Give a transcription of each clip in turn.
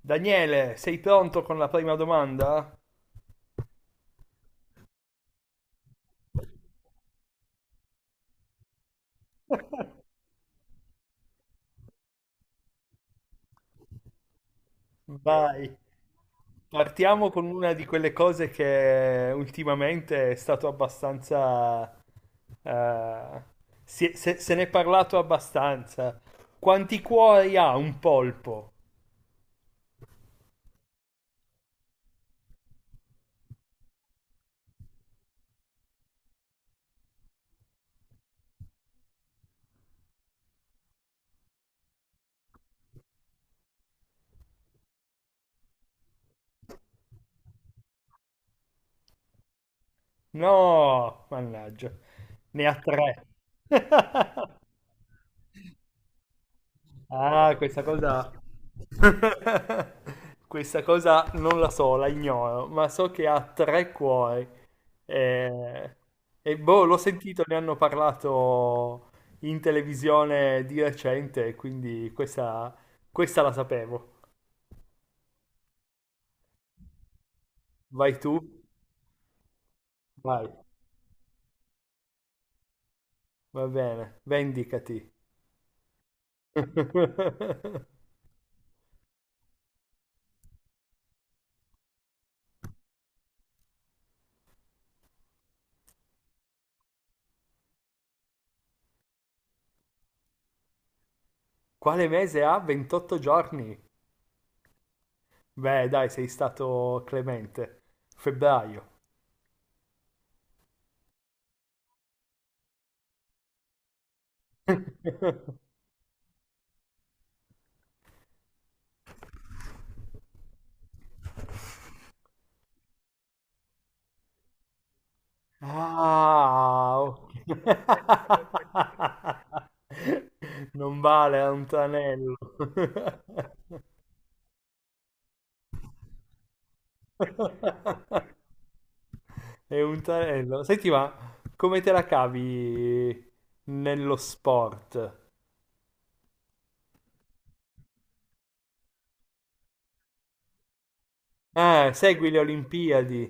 Daniele, sei pronto con la prima domanda? Vai. Partiamo con una di quelle cose che ultimamente è stato abbastanza... eh, se ne è parlato abbastanza. Quanti cuori ha un polpo? No, mannaggia, ne ha tre. Ah, questa cosa... Questa cosa non la so, la ignoro, ma so che ha tre cuori. Eh, boh, l'ho sentito, ne hanno parlato in televisione di recente, quindi questa la sapevo. Vai tu? Vai, va bene, vendicati. Quale mese ha 28 giorni? Beh, dai, sei stato clemente. Febbraio. Ah, ok. Non vale, è un tranello. È un tranello. Senti, ma come te la cavi nello sport? Ah, segui le Olimpiadi.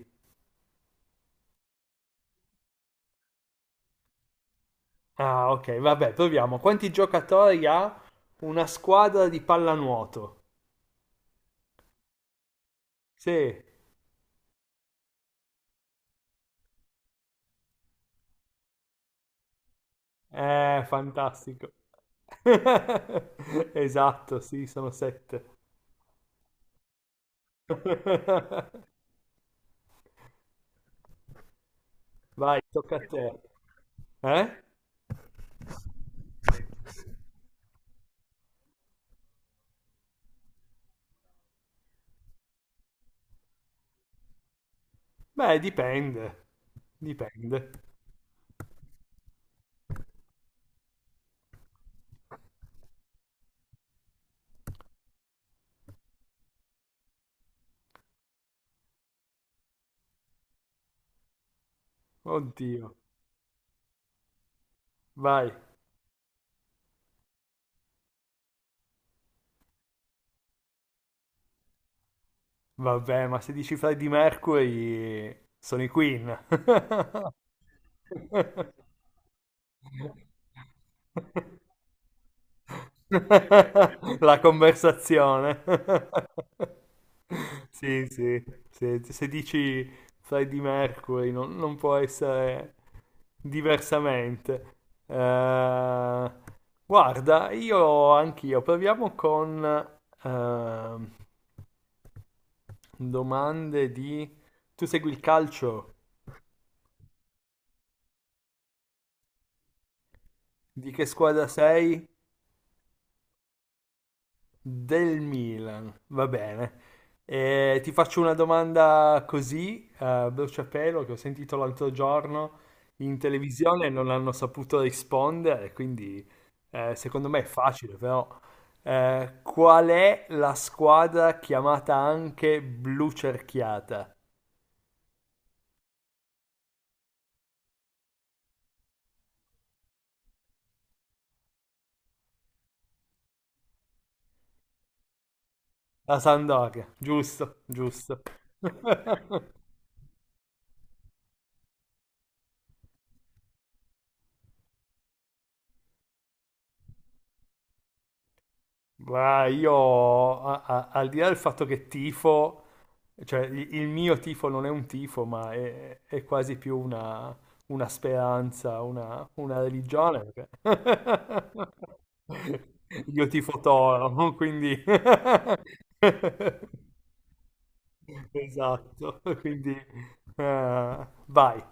Ah, ok, vabbè, proviamo. Quanti giocatori ha una squadra di pallanuoto? Sì, fantastico. Esatto, sì, sono sette. Vai, tocca a te. Eh? Beh, dipende. Dipende. Oddio. Vai. Vabbè, ma se dici Freddie Mercury, sono i Queen. La conversazione. Sì, sì. Se dici Freddie Mercury, non può essere diversamente. Eh, guarda, io anch'io proviamo con ehm, domande di... Tu segui il calcio? Di che squadra sei? Del Milan. Va bene. E ti faccio una domanda così, bruciapelo, che ho sentito l'altro giorno in televisione e non hanno saputo rispondere, quindi secondo me è facile, però. Qual è la squadra chiamata anche Blu Cerchiata? La Sampdoria, giusto, giusto. Ma io, al di là del fatto che tifo, cioè il mio tifo non è un tifo, ma è quasi più una speranza, una religione, perché- Io tifo Toro, quindi... Esatto, quindi... vai,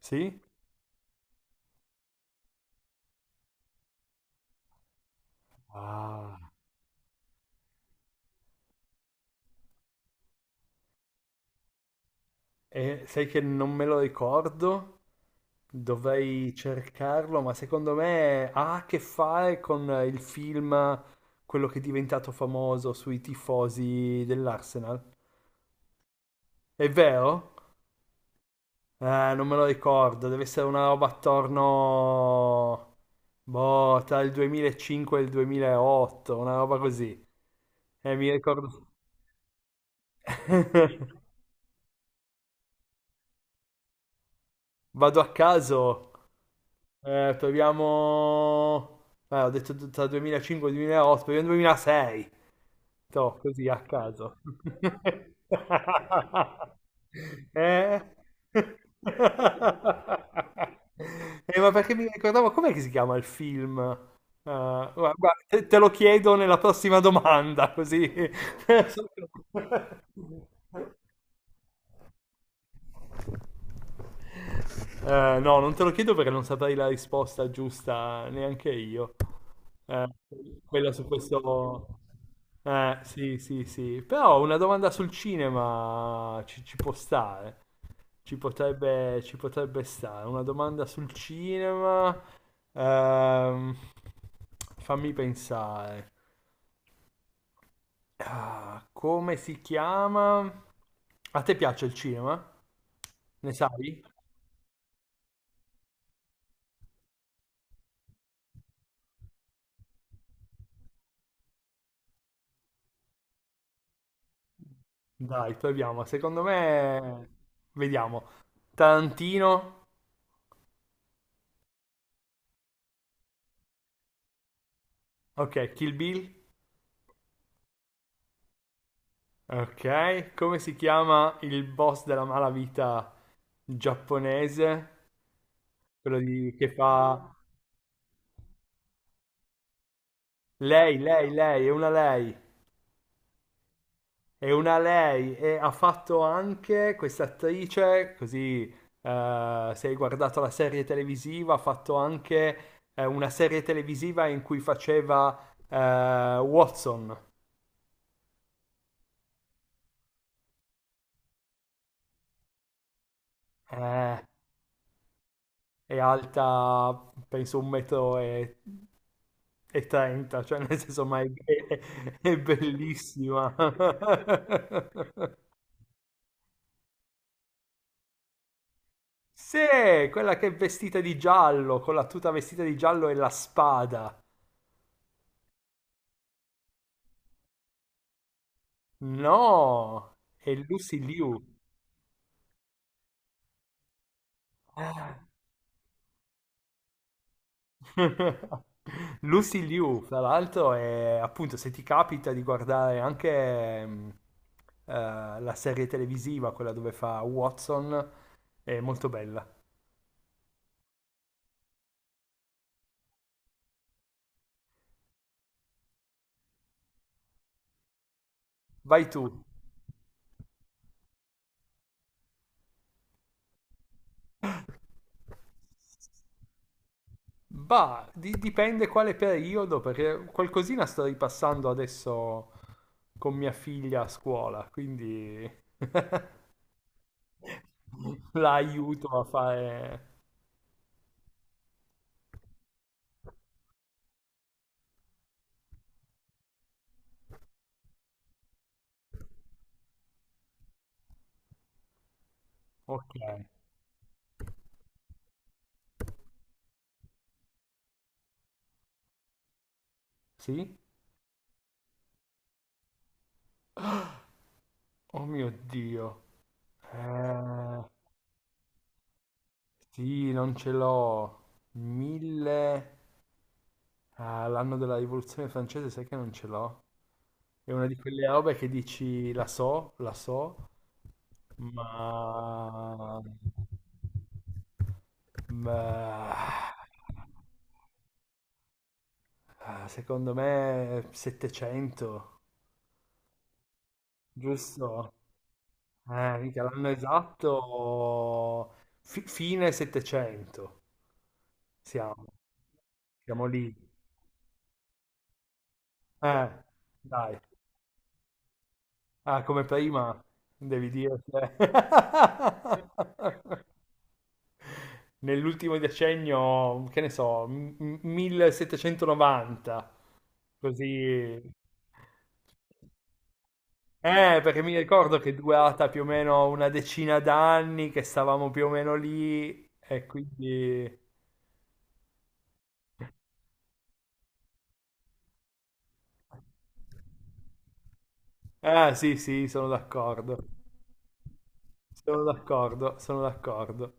sì? Ah, e sai che non me lo ricordo? Dovrei cercarlo, ma secondo me ha a che fare con il film, quello che è diventato famoso sui tifosi dell'Arsenal. È vero? Eh, non me lo ricordo, deve essere una roba attorno, boh, tra il 2005 e il 2008, una roba così. Mi ricordo. Vado a caso, proviamo... ho detto tra 2005 e 2008, proviamo 2006. Toh, così a caso. Eh? Ma perché mi ricordavo, com'è che si chiama il film? Guarda, guarda, te lo chiedo nella prossima domanda, così. No, non te lo chiedo perché non saprei la risposta giusta neanche io. Eh, quella su questo... sì, sì, sì. Però una domanda sul cinema ci può stare. Ci potrebbe stare. Una domanda sul cinema. Ehm, fammi pensare. Ah, come si chiama? A te piace il cinema? Ne sai? Dai, proviamo. Secondo me, vediamo. Tarantino, ok, Kill Bill, ok. Come si chiama il boss della malavita giapponese? Che fa lei, è una lei, è una lei e ha fatto anche questa attrice, così se hai guardato la serie televisiva, ha fatto anche una serie televisiva in cui faceva Watson. Eh, è alta penso un metro e trenta, cioè nel senso ma è bellissima. Sì, quella che è vestita di giallo, con la tuta vestita di giallo e la spada. No, è Lucy Liu. Ah. Lucy Liu, tra l'altro, è appunto se ti capita di guardare anche eh, la serie televisiva, quella dove fa Watson, è molto bella. Vai tu. Bah, dipende quale periodo, perché qualcosina sto ripassando adesso con mia figlia a scuola, quindi la aiuto a fare... Ok, sì? Oh mio Dio. Eh, sì, non ce l'ho. Mille... Ah, l'anno della rivoluzione francese, sai che non ce l'ho? È una di quelle robe che dici la so, la so, ma... Ma... ah, secondo me 700, giusto? Mica l'anno esatto, fine 700 siamo, siamo lì. Eh, dai. Ah, come prima devi dire se... nell'ultimo decennio, che ne so, 1790, così. Perché mi ricordo che è durata più o meno una decina d'anni, che stavamo più o meno lì, e quindi... Ah, sì, sì, sono d'accordo. Sono d'accordo, sono d'accordo.